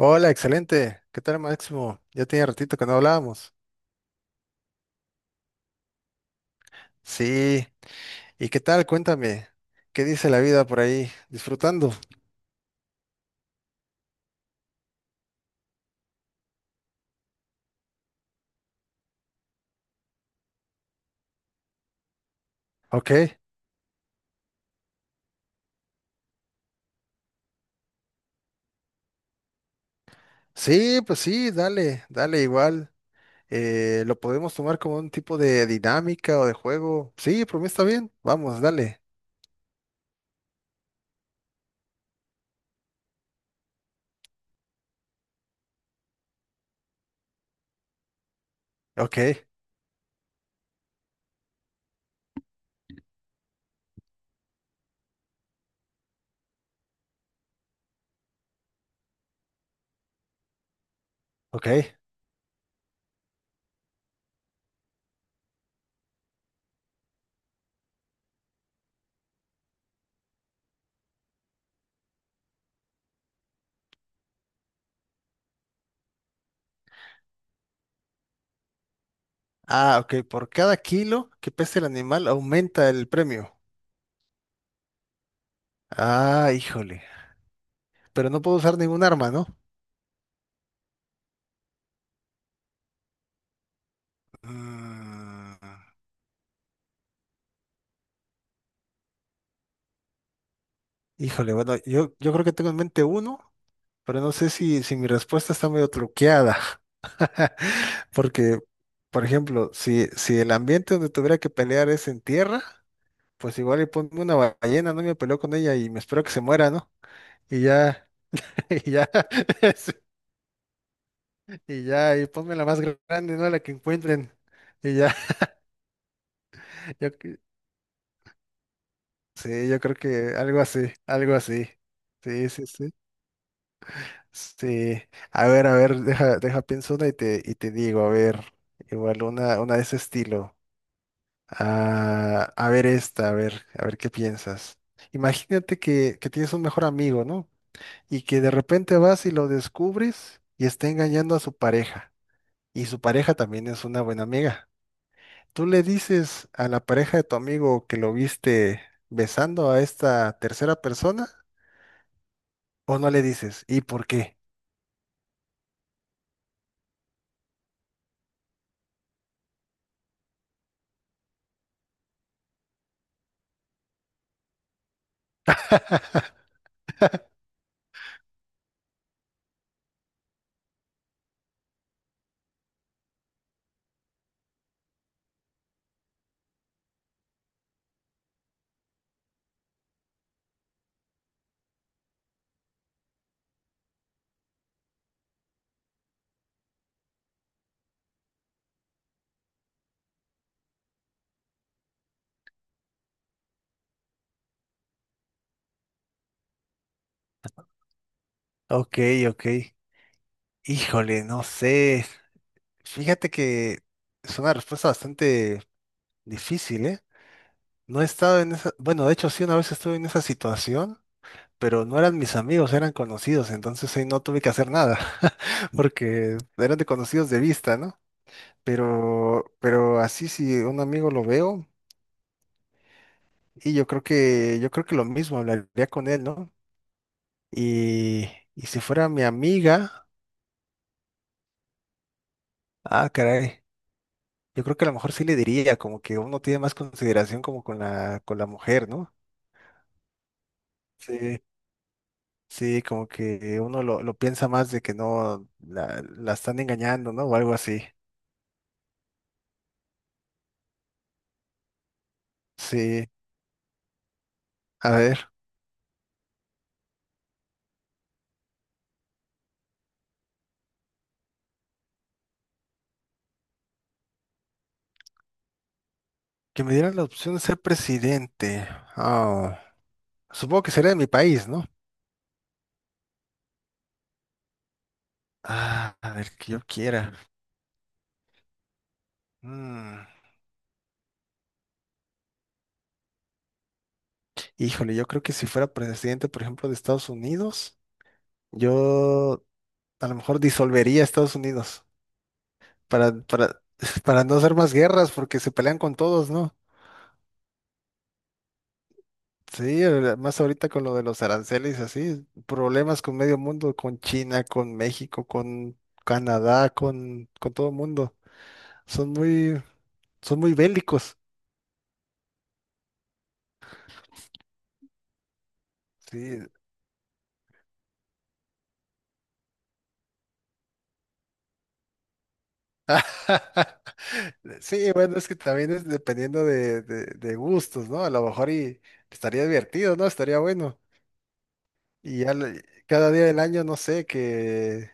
Hola, excelente. ¿Qué tal, Máximo? Ya tenía ratito que no hablábamos. Sí. ¿Y qué tal? Cuéntame. ¿Qué dice la vida por ahí? ¿Disfrutando? Ok. Sí, pues sí, dale, dale igual. Lo podemos tomar como un tipo de dinámica o de juego. Sí, por mí está bien. Vamos, dale. Ok, ok. Ah, ok. Por cada kilo que pese el animal aumenta el premio. Ah, híjole. Pero no puedo usar ningún arma, ¿no? Mm. Híjole, bueno, yo creo que tengo en mente uno, pero no sé si mi respuesta está medio truqueada, porque, por ejemplo, si el ambiente donde tuviera que pelear es en tierra, pues igual y ponme una ballena, no. Y me peleo con ella y me espero que se muera, ¿no? Y ya, y ya, sí, y ya, y ponme la más grande, ¿no? La que encuentren. Y ya, yo, que- sí, yo creo que algo así, algo así. Sí, sí, sí. Sí, a ver, deja, pienso una y te digo, a ver, igual una de ese estilo. Ah, a ver esta, a ver qué piensas. Imagínate que tienes un mejor amigo, ¿no? Y que de repente vas y lo descubres y está engañando a su pareja. Y su pareja también es una buena amiga. Tú le dices a la pareja de tu amigo que lo viste besando a esta tercera persona o no le dices, ¿y por qué? Ok, ok. Híjole, no sé. Fíjate que es una respuesta bastante difícil, ¿eh? No he estado en esa, bueno, de hecho sí, una vez estuve en esa situación, pero no eran mis amigos, eran conocidos, entonces ahí no tuve que hacer nada, porque eran de conocidos de vista, ¿no? Pero así si un amigo lo veo, y yo creo que lo mismo, hablaría con él, ¿no? Y, y si fuera mi amiga, ah, caray. Yo creo que a lo mejor sí le diría, como que uno tiene más consideración como con la mujer, ¿no? Sí, sí, como que uno lo piensa más de que no la están engañando, ¿no? O algo así. Sí, a ver, que me dieran la opción de ser presidente. Ah, supongo que sería de mi país, ¿no? Ah, a ver, que yo quiera. Mm, híjole, yo creo que si fuera presidente, por ejemplo, de Estados Unidos, yo a lo mejor disolvería Estados Unidos. Para para no hacer más guerras, porque se pelean con todos, ¿no? Sí, ahora- más ahorita con lo de los aranceles, así, problemas con medio mundo, con China, con México, con Canadá, con todo el mundo. Son muy, son muy bélicos. Sí. Sí, bueno, es que también es dependiendo de gustos, ¿no? A lo mejor y estaría divertido, ¿no? Estaría bueno. Y ya le- cada día del año, no sé, que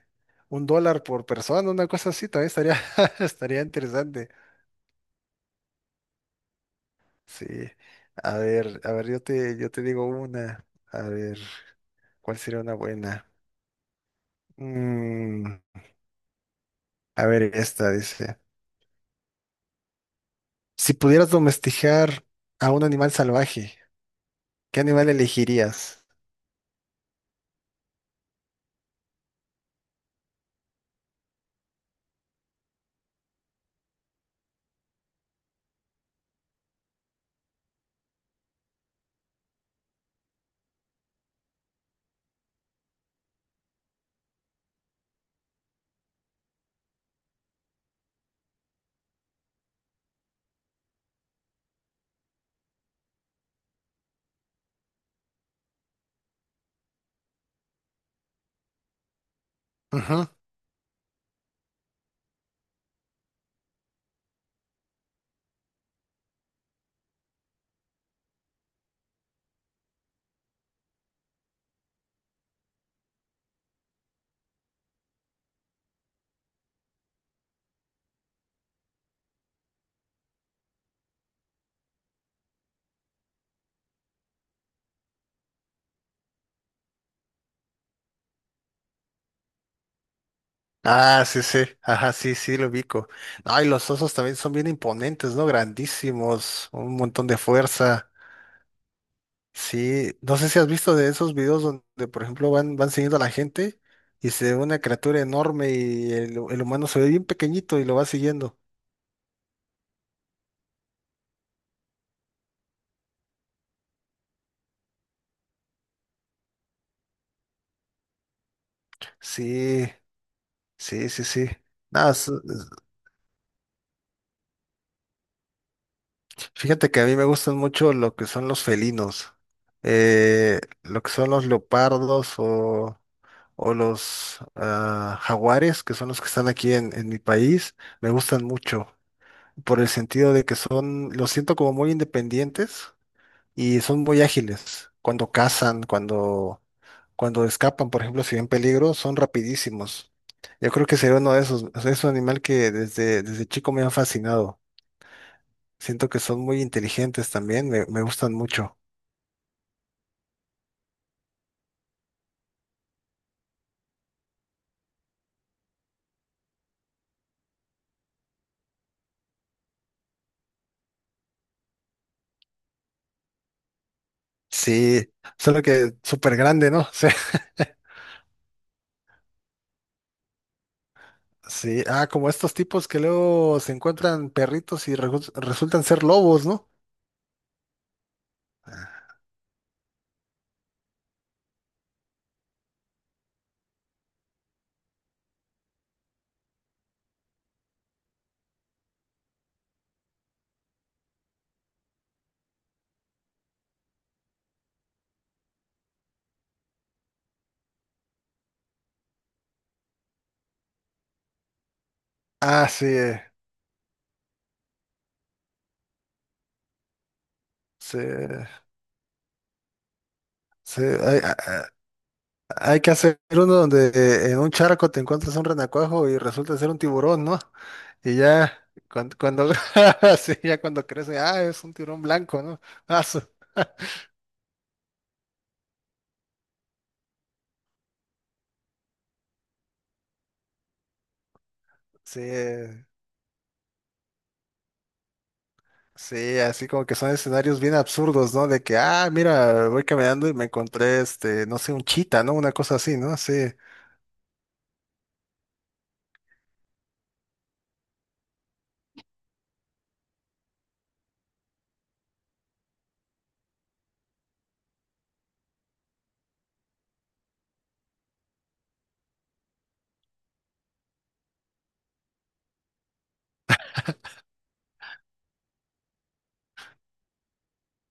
un dólar por persona, una cosa así, también estaría, estaría interesante. Sí. A ver, yo te digo una. A ver, ¿cuál sería una buena? Mm, a ver, esta dice. Si pudieras domesticar a un animal salvaje, ¿qué animal elegirías? Ujú. Ah, sí, sí. Ajá, sí, sí, lo ubico. Ay, los osos también son bien imponentes, ¿no? Grandísimos, un montón de fuerza. Sí, no sé si has visto de esos videos donde, por ejemplo, van siguiendo a la gente y se ve una criatura enorme y el humano se ve bien pequeñito y lo va siguiendo. Sí, sí, sí, sí. Nada, s- fíjate que a mí me gustan mucho lo que son los felinos, lo que son los leopardos o los ah, jaguares, que son los que están aquí en mi país, me gustan mucho por el sentido de que son, los siento como muy independientes y son muy ágiles. Cuando cazan, cuando escapan, por ejemplo, si ven peligro, son rapidísimos. Yo creo que sería uno de esos. O sea, es un animal que desde chico me ha fascinado. Siento que son muy inteligentes también, me gustan mucho. Sí, solo que súper grande, ¿no? O sea, sí, ah, como estos tipos que luego se encuentran perritos y resultan ser lobos, ¿no? Ah, sí, sí, sí, hay que hacer uno donde en un charco te encuentras un renacuajo y resulta ser un tiburón, ¿no? Y ya cuando sí, ya cuando crece, ah, es un tiburón blanco, ¿no? Ah, su- Sí, sí, así como que son escenarios bien absurdos, ¿no? De que, ah, mira, voy caminando y me encontré, este, no sé, un chita, ¿no? Una cosa así, ¿no? Sí,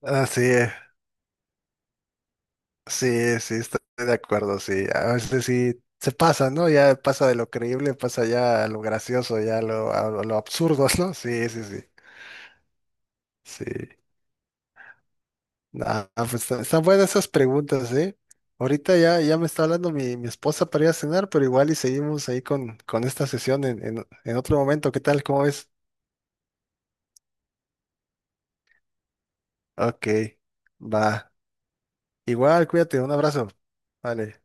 así. Sí, sí, estoy de acuerdo, sí. A veces sí se pasa, ¿no? Ya pasa de lo creíble, pasa ya a lo gracioso, ya a lo absurdo, ¿no? Sí, sí, sí. Sí. Están buenas esas preguntas, ¿eh? Ahorita ya, ya me está hablando mi esposa para ir a cenar, pero igual y seguimos ahí con esta sesión en otro momento. ¿Qué tal? ¿Cómo ves? Ok, va. Igual, cuídate, un abrazo. Vale.